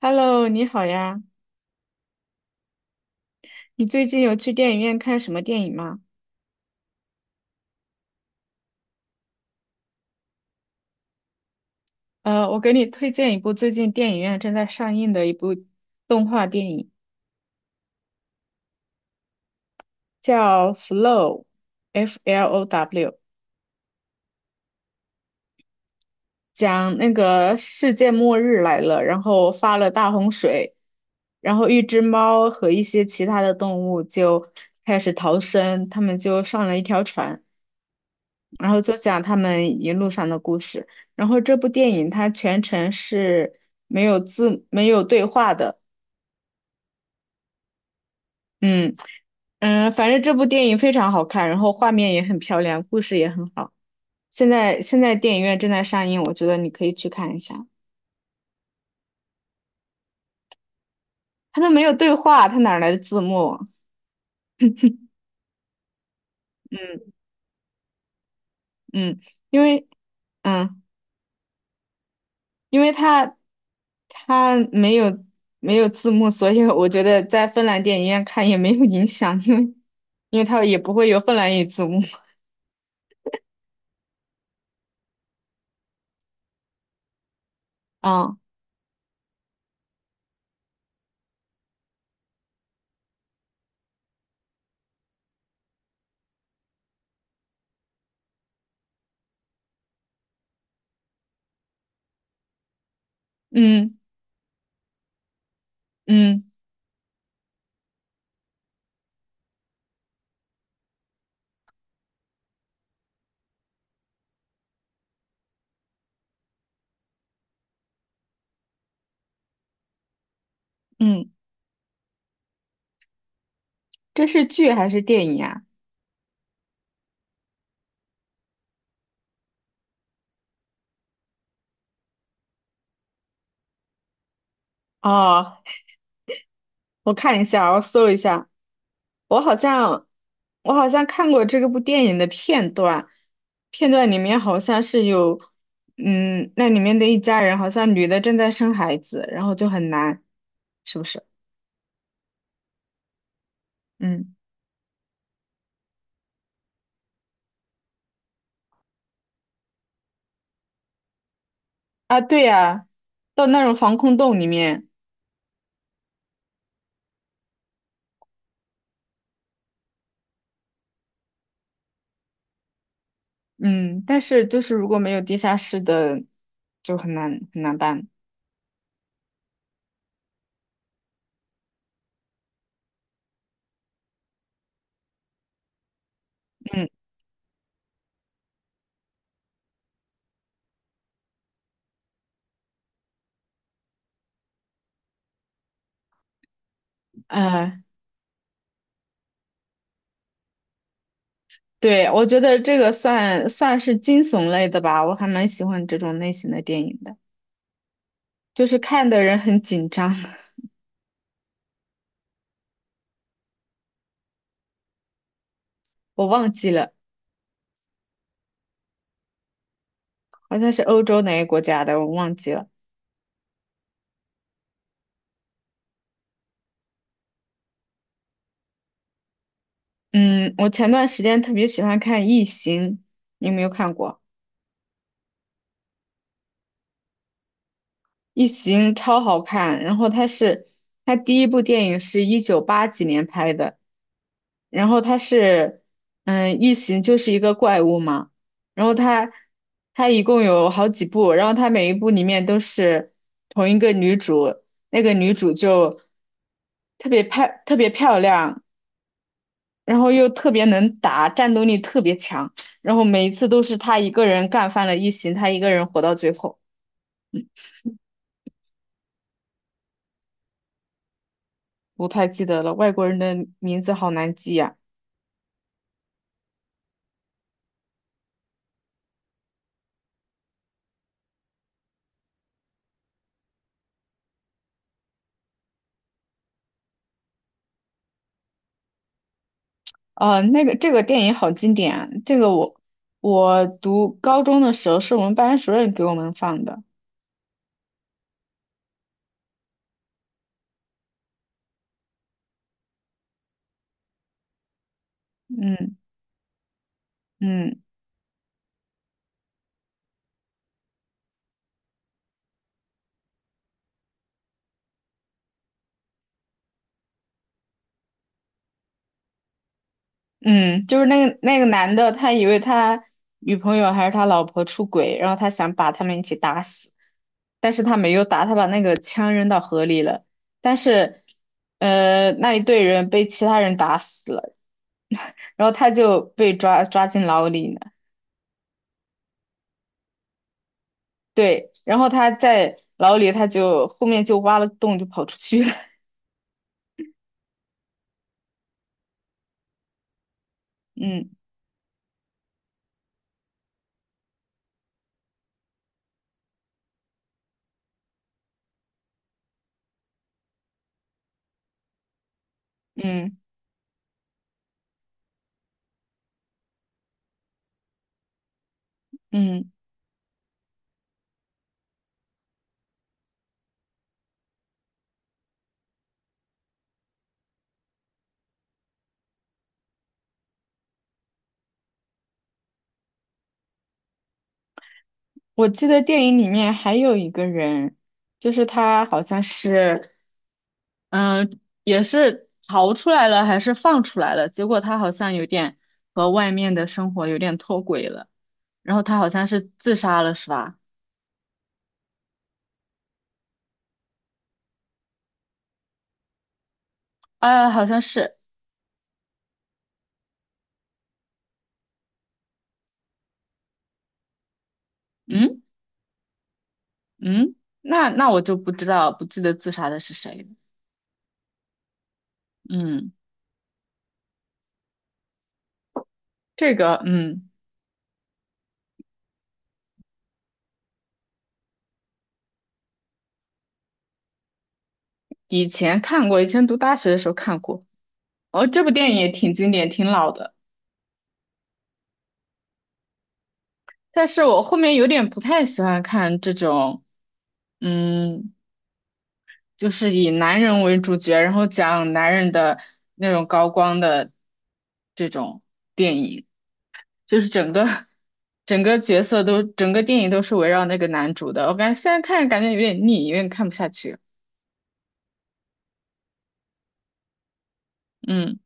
Hello，你好呀。你最近有去电影院看什么电影吗？我给你推荐一部最近电影院正在上映的一部动画电影，叫《Flow》（Flow），讲那个世界末日来了，然后发了大洪水，然后一只猫和一些其他的动物就开始逃生，他们就上了一条船。然后就讲他们一路上的故事。然后这部电影它全程是没有字、没有对话的。嗯嗯。反正这部电影非常好看，然后画面也很漂亮，故事也很好。现在电影院正在上映，我觉得你可以去看一下。它都没有对话，它哪来的字幕啊？嗯嗯，因为嗯。因为它没有字幕，所以我觉得在芬兰电影院看也没有影响，因为它也不会有芬兰语字幕啊，嗯嗯嗯，这是剧还是电影啊？哦，我看一下，我搜一下，我好像我好像看过这个部电影的片段，片段里面好像是有，那里面的一家人好像女的正在生孩子，然后就很难，是不是？嗯。啊，对呀，到那种防空洞里面，嗯，但是就是如果没有地下室的，就很难很难办。嗯，呃，对，我觉得这个算是惊悚类的吧，我还蛮喜欢这种类型的电影的，就是看的人很紧张。我忘记了，好像是欧洲哪个国家的，我忘记了。嗯，我前段时间特别喜欢看《异形》，你有没有看过？《异形》超好看，然后它第一部电影是一九八几年拍的。然后他是，嗯，异形就是一个怪物嘛，然后他，他一共有好几部，然后他每一部里面都是同一个女主，那个女主就特别漂亮，然后又特别能打，战斗力特别强，然后每一次都是她一个人干翻了异形，她一个人活到最后，不太记得了，外国人的名字好难记呀、这个电影好经典啊！这个我读高中的时候是我们班主任给我们放的。嗯嗯嗯，就是那个男的，他以为他女朋友还是他老婆出轨，然后他想把他们一起打死，但是他没有打，他把那个枪扔到河里了。但是那一队人被其他人打死了，然后他就被抓进牢里了。对，然后他在牢里，他就后面就挖了个洞就跑出去了。嗯嗯嗯，我记得电影里面还有一个人，就是他好像是，也是逃出来了还是放出来了，结果他好像有点和外面的生活有点脱轨了，然后他好像是自杀了是吧？啊，好像是，嗯嗯，那我就不知道不记得自杀的是谁了，嗯，这个嗯以前看过，以前读大学的时候看过，哦，这部电影也挺经典，挺老的。但是我后面有点不太喜欢看这种，嗯，就是以男人为主角，然后讲男人的那种高光的这种电影，就是整个角色都整个电影都是围绕那个男主的。我感觉现在看着感觉有点腻，有点看不下去。嗯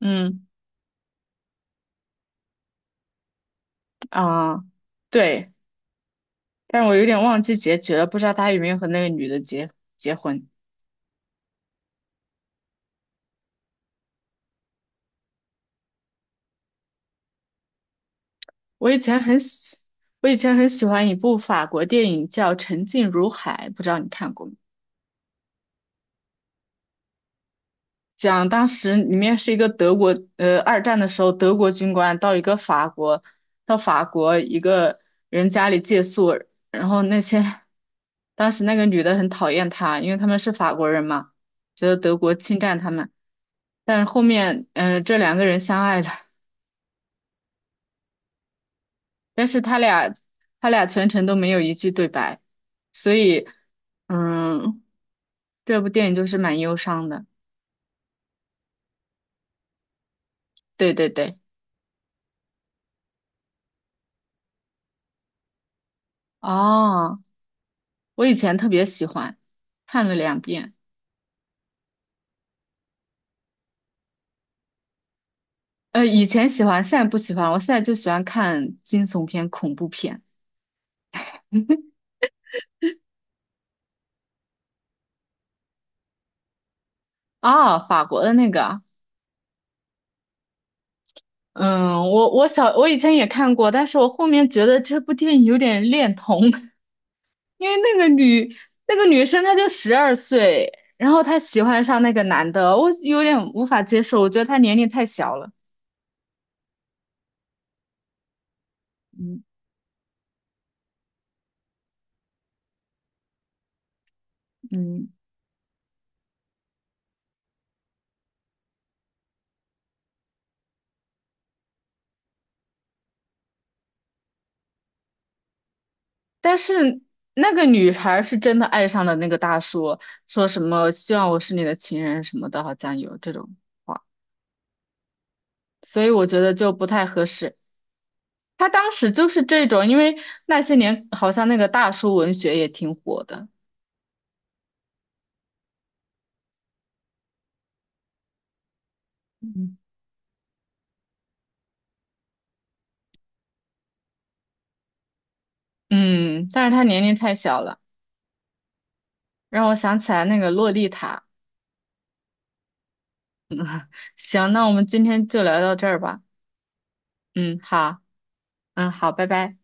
嗯啊，对，但是我有点忘记结局了，不知道他有没有和那个女的结婚。我以前很喜，我以前很喜欢一部法国电影叫《沉静如海》，不知道你看过没？讲当时里面是一个德国，二战的时候，德国军官到法国一个人家里借宿，然后那些当时那个女的很讨厌他，因为他们是法国人嘛，觉得德国侵占他们，但是后面，这两个人相爱了，但是他俩全程都没有一句对白，所以。嗯，这部电影就是蛮忧伤的。对对对，哦，我以前特别喜欢，看了2遍。以前喜欢，现在不喜欢。我现在就喜欢看惊悚片、恐怖片。啊，法国的那个。嗯，我以前也看过，但是我后面觉得这部电影有点恋童，因为那个女生她就12岁，然后她喜欢上那个男的，我有点无法接受，我觉得她年龄太小了。嗯嗯。但是那个女孩是真的爱上了那个大叔，说什么希望我是你的情人什么的，好像有这种话，所以我觉得就不太合适。他当时就是这种，因为那些年好像那个大叔文学也挺火的，嗯，嗯但是他年龄太小了，让我想起来那个洛丽塔。行，那我们今天就聊到这儿吧。嗯，好，嗯，好，拜拜。